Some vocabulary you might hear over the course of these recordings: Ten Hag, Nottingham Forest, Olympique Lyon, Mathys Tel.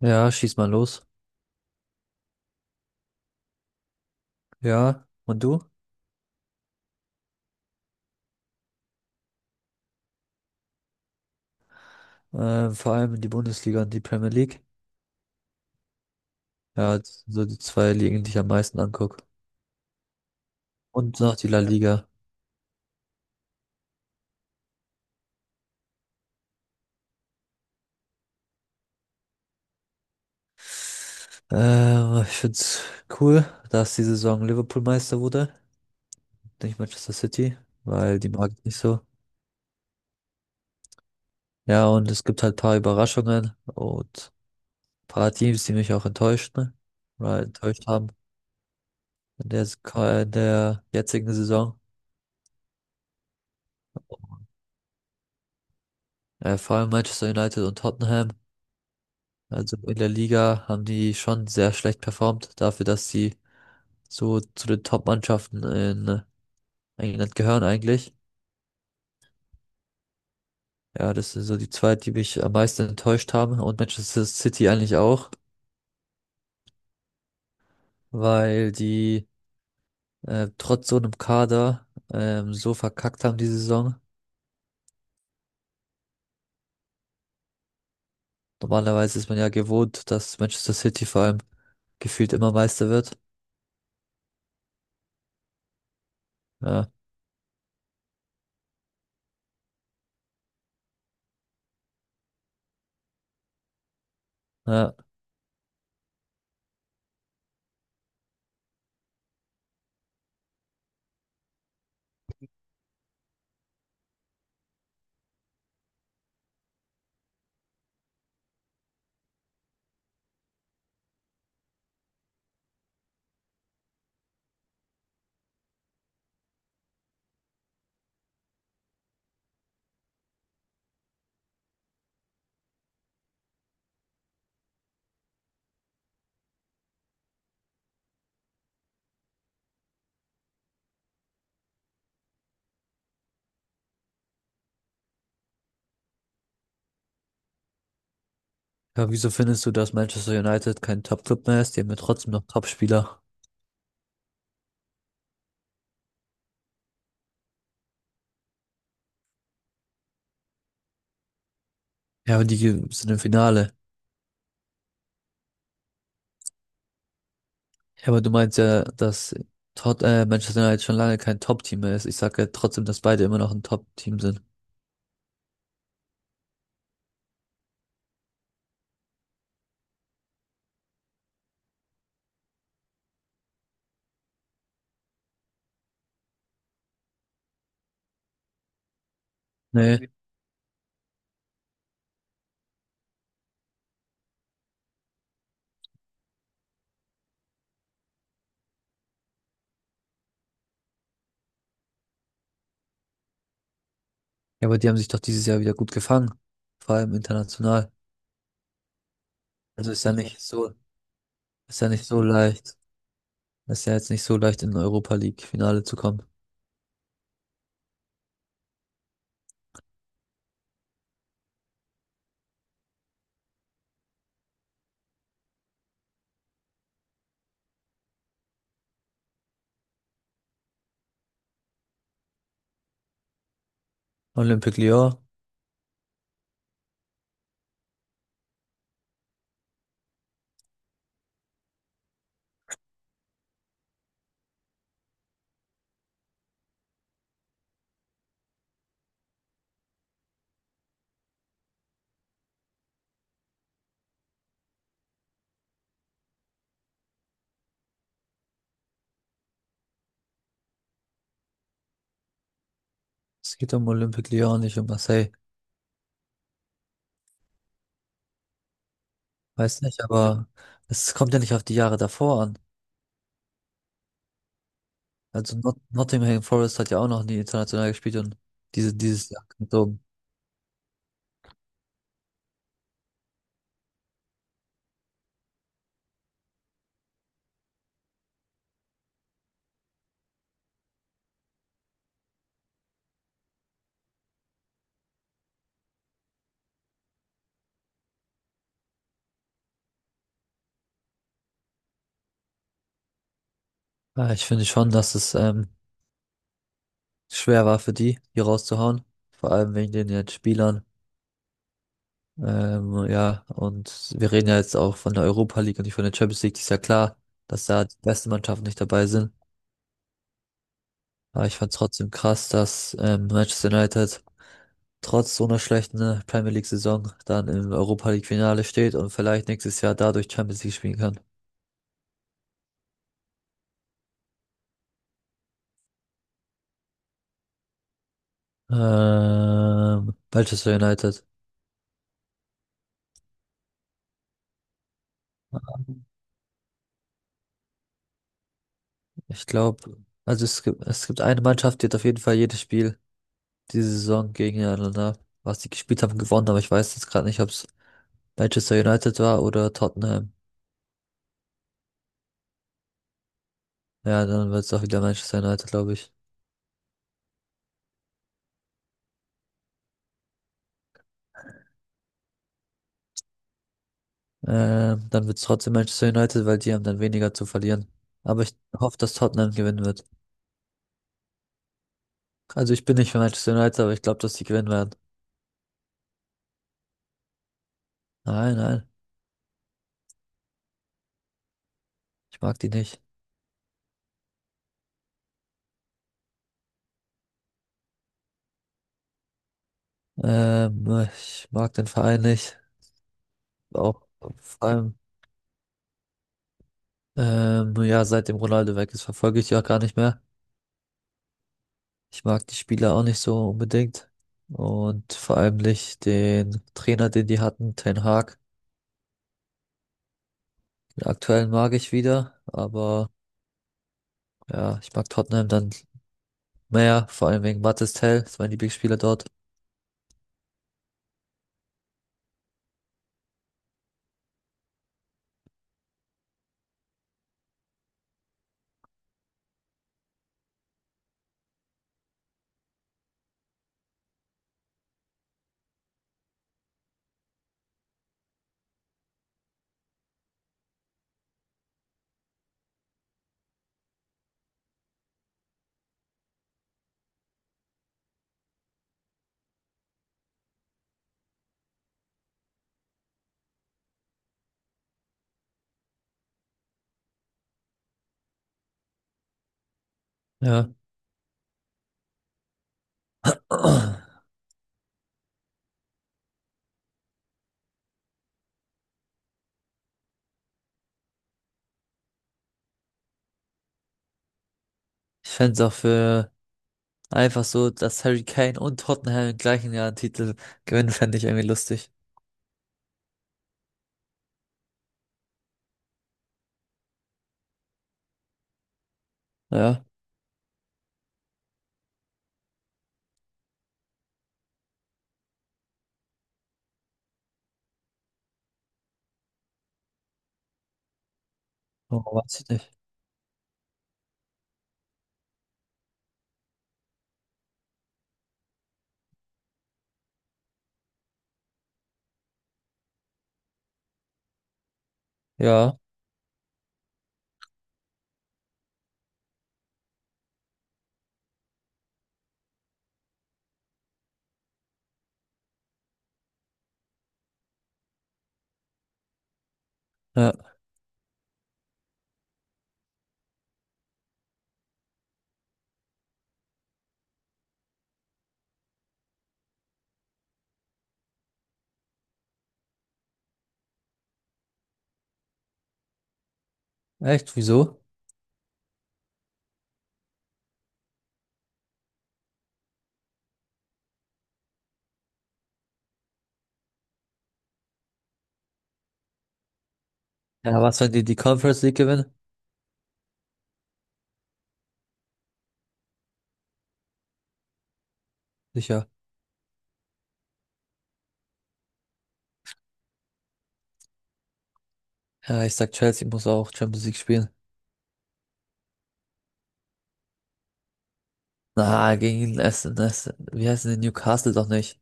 Ja, schieß mal los. Ja, und du? Vor allem die Bundesliga und die Premier League. Ja, das sind so die zwei Ligen, die ich am meisten angucke. Und noch die La Liga. Ich find's cool, dass die Saison Liverpool Meister wurde, nicht Manchester City, weil die mag ich nicht so. Ja, und es gibt halt paar Überraschungen und paar Teams, die mich auch enttäuscht, ne? Oder enttäuscht haben in der, in der jetzigen Saison. Vor allem Manchester United und Tottenham. Also in der Liga haben die schon sehr schlecht performt, dafür, dass sie so zu den Top-Mannschaften in England gehören eigentlich. Ja, das sind so die zwei, die mich am meisten enttäuscht haben und Manchester City eigentlich auch, weil die trotz so einem Kader so verkackt haben die Saison. Normalerweise ist man ja gewohnt, dass Manchester City vor allem gefühlt immer Meister wird. Ja, ja. Ja, wieso findest du, dass Manchester United kein Top-Club mehr ist? Die haben ja trotzdem noch Top-Spieler. Ja, und die sind im Finale. Ja, aber du meinst ja, dass Tot Manchester United schon lange kein Top-Team mehr ist. Ich sage ja trotzdem, dass beide immer noch ein Top-Team sind. Nee. Ja, aber die haben sich doch dieses Jahr wieder gut gefangen. Vor allem international. Also ist ja nicht so leicht. Ist ja jetzt nicht so leicht, in Europa League-Finale zu kommen. Olympique Lyon. Es geht um Olympique Lyon, nicht um Marseille. Weiß nicht, aber es kommt ja nicht auf die Jahre davor an. Also Not Nottingham Forest hat ja auch noch nie international gespielt und dieses Jahr kommt um. Ja, ich finde schon, dass es schwer war für die, hier rauszuhauen. Vor allem wegen den jetzt Spielern. Ja, und wir reden ja jetzt auch von der Europa League und nicht von der Champions League. Ist ja klar, dass da die besten Mannschaften nicht dabei sind. Aber ich fand trotzdem krass, dass Manchester United trotz so einer schlechten Premier League-Saison dann im Europa League-Finale steht und vielleicht nächstes Jahr dadurch Champions League spielen kann. Manchester United. Ich glaube, also es gibt eine Mannschaft, die hat auf jeden Fall jedes Spiel diese Saison gegeneinander, was die gespielt haben, gewonnen, aber ich weiß jetzt gerade nicht, ob es Manchester United war oder Tottenham. Ja, dann wird es auch wieder Manchester United, glaube ich. Dann wird es trotzdem Manchester United, weil die haben dann weniger zu verlieren. Aber ich hoffe, dass Tottenham gewinnen wird. Also ich bin nicht für Manchester United, aber ich glaube, dass die gewinnen werden. Nein, nein, ich mag die nicht. Ich mag den Verein nicht. Auch vor allem, ja, seitdem Ronaldo weg ist, verfolge ich die auch gar nicht mehr. Ich mag die Spieler auch nicht so unbedingt. Und vor allem nicht den Trainer, den die hatten, Ten Hag. Den aktuellen mag ich wieder, aber ja, ich mag Tottenham dann mehr, vor allem wegen Mathys Tel, ist mein Lieblingsspieler dort. Ja. Ich fände es auch für einfach so, dass Harry Kane und Tottenham im gleichen Jahr einen Titel gewinnen, fände ich irgendwie lustig. Ja, oh, weiß ich nicht. Ja, ja. Echt, wieso? Ja, was, wenn die die Conference League gewinnen? Sicher. Ja, ich sag, Chelsea muss auch Champions League spielen. Na, gegen Essen, Essen. Wie heißen die Newcastle doch nicht?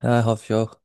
Ja, hoffe ich auch.